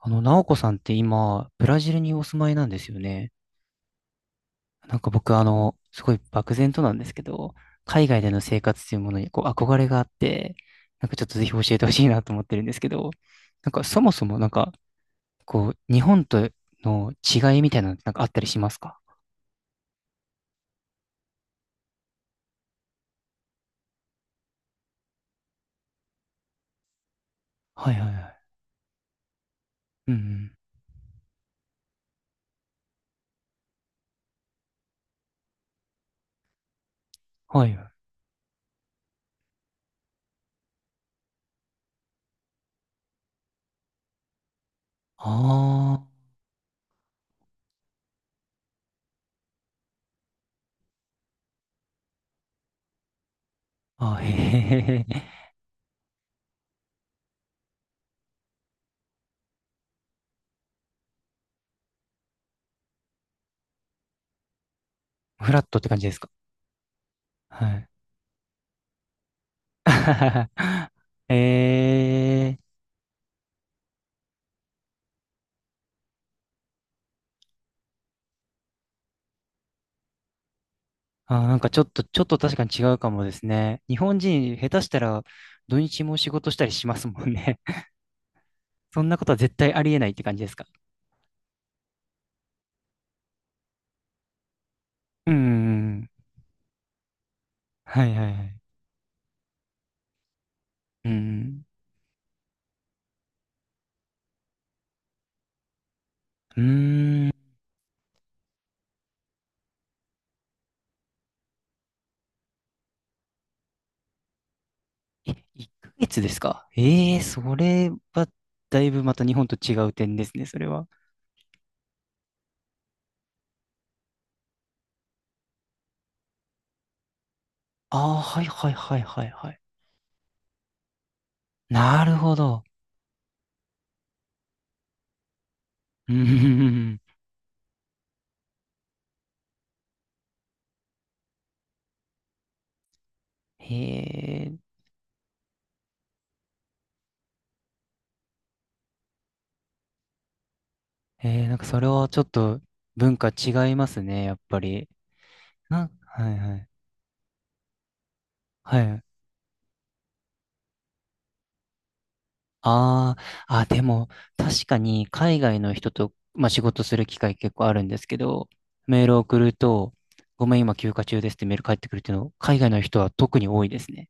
あの、ナオコさんって今、ブラジルにお住まいなんですよね。なんか僕、あの、すごい漠然となんですけど、海外での生活というものにこう憧れがあって、なんかちょっとぜひ教えてほしいなと思ってるんですけど、なんかそもそもなんか、こう、日本との違いみたいなのってなんかあったりしますか？はいはいはい。うんうん。はいはい。あああ、へへへへ。フラットって感じですか？はい。えあー、なんかちょっと確かに違うかもですね。日本人、下手したら土日も仕事したりしますもんね。そんなことは絶対ありえないって感じですか？うんうんうん。はいはいはい。うん。うーん。え、1ヶ月ですか？ええー、それは、だいぶまた日本と違う点ですね、それは。ああ、はいはいはいはいはい。なるほど。うんうんうんうん。へえ、なんかそれはちょっと文化違いますね、やっぱり。はいはい。はい。あああ、でも、確かに海外の人と、まあ、仕事する機会結構あるんですけど、メールを送ると、ごめん、今休暇中ですってメール返ってくるっていうの、海外の人は特に多いですね。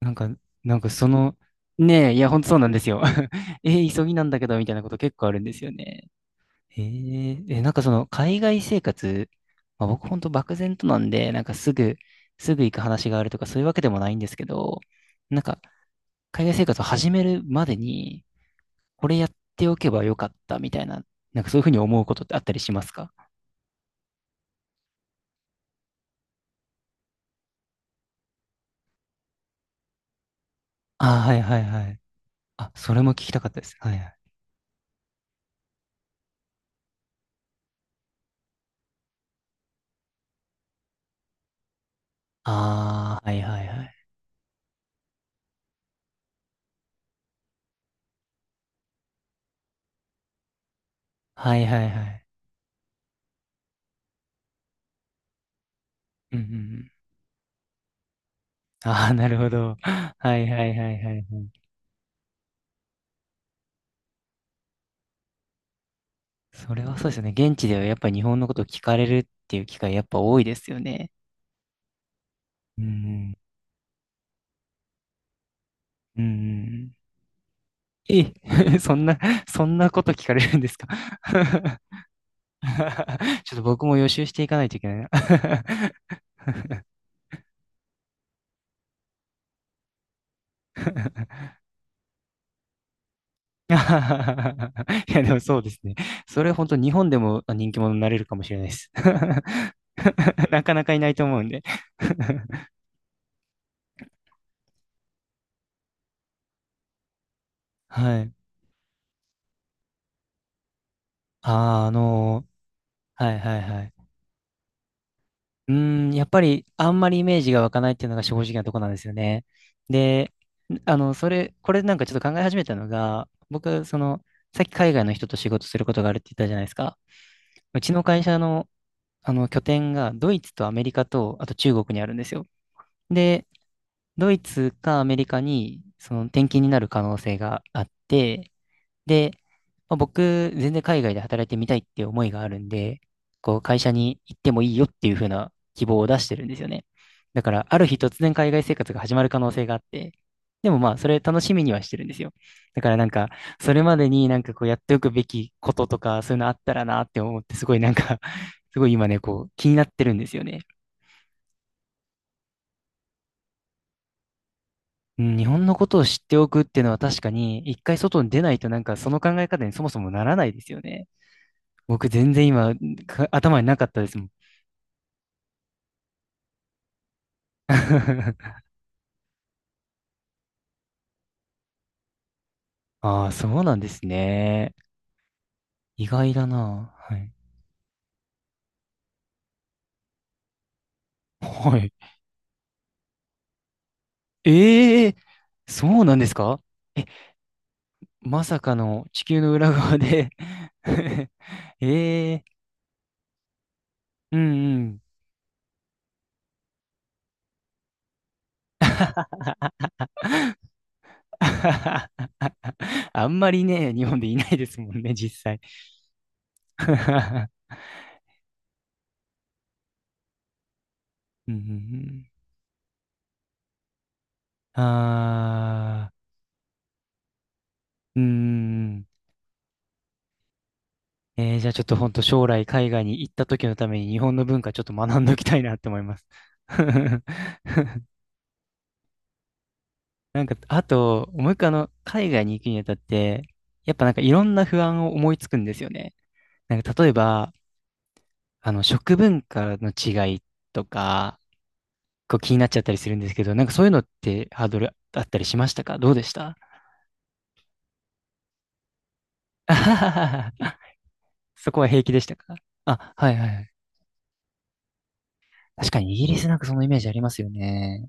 なんか、なんかその、ねえ、いや、ほんとそうなんですよ。急ぎなんだけど、みたいなこと結構あるんですよね。なんかその、海外生活、まあ、僕ほんと漠然となんで、なんかすぐ行く話があるとか、そういうわけでもないんですけど、なんか、海外生活を始めるまでに、これやっておけばよかったみたいな、なんかそういうふうに思うことってあったりしますか？ああー、はいはいはい。あ、それも聞きたかったです。はいはい。ああ、はいはいはい。はいはいはい。うんうんうん。ああ、なるほど。はいはいはいはいはい。それはそうですよね。現地ではやっぱり日本のことを聞かれるっていう機会やっぱ多いですよね。うんうん。うんうんうん。え、そんな、そんなこと聞かれるんですか？ ちょっと僕も予習していかないといけないな。 いや、でもそうですね。それ本当日本でも人気者になれるかもしれないです。なかなかいないと思うんで。はい。あーあのーはいはいはい。うーん、やっぱりあんまりイメージが湧かないっていうのが正直なとこなんですよね。で、あの、これなんかちょっと考え始めたのが、僕、その、さっき海外の人と仕事することがあるって言ったじゃないですか。うちの会社の、あの拠点がドイツとアメリカと、あと中国にあるんですよ。で、ドイツかアメリカにその転勤になる可能性があって、で、まあ僕、全然海外で働いてみたいっていう思いがあるんで、こう、会社に行ってもいいよっていう風な希望を出してるんですよね。だから、ある日突然海外生活が始まる可能性があって、でもまあ、それ楽しみにはしてるんですよ。だからなんか、それまでになんかこうやっておくべきこととか、そういうのあったらなって思って、すごいなんか すごい今ね、こう、気になってるんですよね。うん、日本のことを知っておくっていうのは確かに、一回外に出ないとなんかその考え方にそもそもならないですよね。僕全然今、頭になかったですもん。ああ、そうなんですね。意外だな。はい。はい。ええ、そうなんですか？え、まさかの地球の裏側で。 ええ、うんうん。あんまりね、日本でいないですもんね、実際。うんうんうん、あー、うーん。じゃあちょっと本当将来海外に行った時のために日本の文化ちょっと学んどきたいなって思います。なんか、あと、もう一個あの、海外に行くにあたって、やっぱなんかいろんな不安を思いつくんですよね。なんか例えば、あの、食文化の違いとか、こう気になっちゃったりするんですけど、なんかそういうのってハードルあったりしましたか？どうでした？あはははは。 そこは平気でしたか？あ、はいはいはい。確かにイギリスなんかそのイメージありますよね。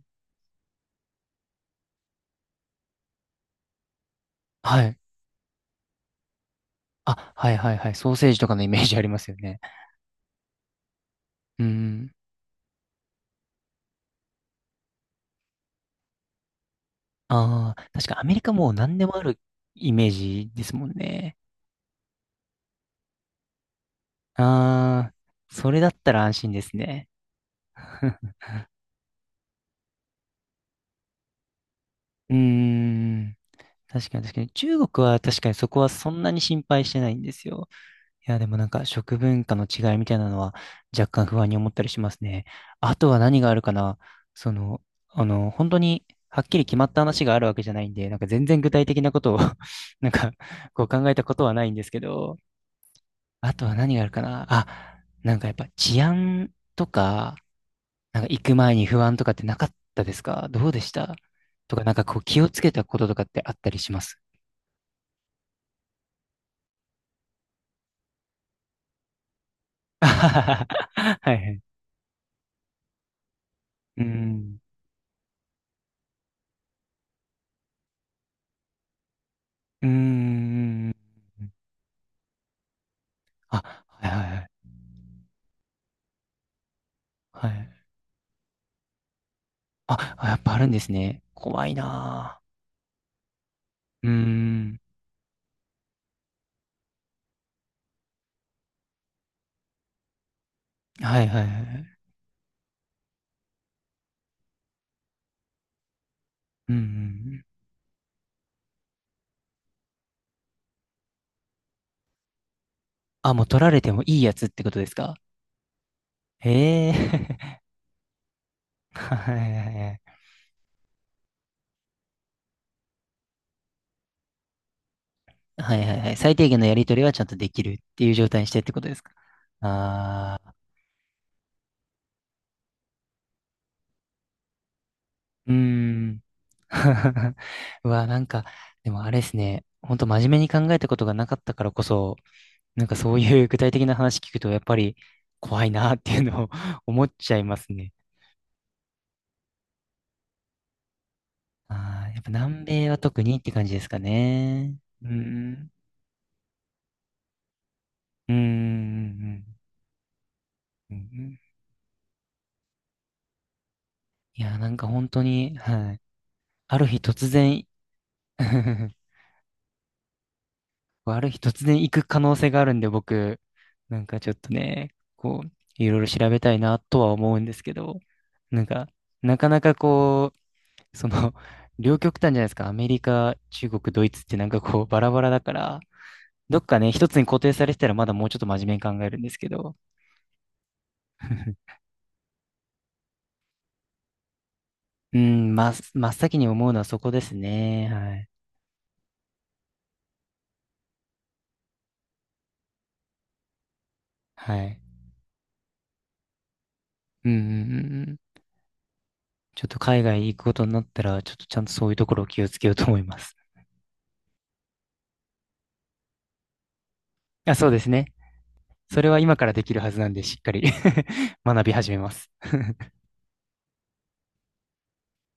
はい。あ、はいはいはい。ソーセージとかのイメージありますよね。うん。ああ、確かアメリカもう何でもあるイメージですもんね。ああ、それだったら安心ですね。うーん。確かに確かに。中国は確かにそこはそんなに心配してないんですよ。いや、でもなんか食文化の違いみたいなのは若干不安に思ったりしますね。あとは何があるかな。その、あの、本当にはっきり決まった話があるわけじゃないんで、なんか全然具体的なことを なんかこう考えたことはないんですけど、あとは何があるかなあ、なんかやっぱ治安とか、なんか行く前に不安とかってなかったですか？どうでした？とか、なんかこう気をつけたこととかってあったりします？ はいはい。うーん。うーん。あ、はいはいはい。はい。あやっぱあるんですね。怖いなぁ。うーん。はいはいはい。うんうん。あ、もう取られてもいいやつってことですか？へえ。はいはいはい。はいはいはい。最低限のやり取りはちゃんとできるっていう状態にしてってことですか？ああー、うーん。うわ、なんか、でもあれですね。ほんと真面目に考えたことがなかったからこそ、なんかそういう具体的な話聞くと、やっぱり怖いなっていうのを 思っちゃいますね。ああ、やっぱ南米は特にって感じですかね。うん。うん。うん。うんうん、いや、なんか本当に、はい。ある日突然、ある日突然行く可能性があるんで、僕、なんかちょっとね、こう、いろいろ調べたいなとは思うんですけど、なんか、なかなかこう、その、両極端じゃないですか。アメリカ、中国、ドイツってなんかこう、バラバラだから、どっかね、一つに固定されてたらまだもうちょっと真面目に考えるんですけど。うん、ま、真っ先に思うのはそこですね。はい。はい。うん、うん、うんうん。ちょっと海外行くことになったら、ちょっとちゃんとそういうところを気をつけようと思います。あ、そうですね。それは今からできるはずなんで、しっかり 学び始めます。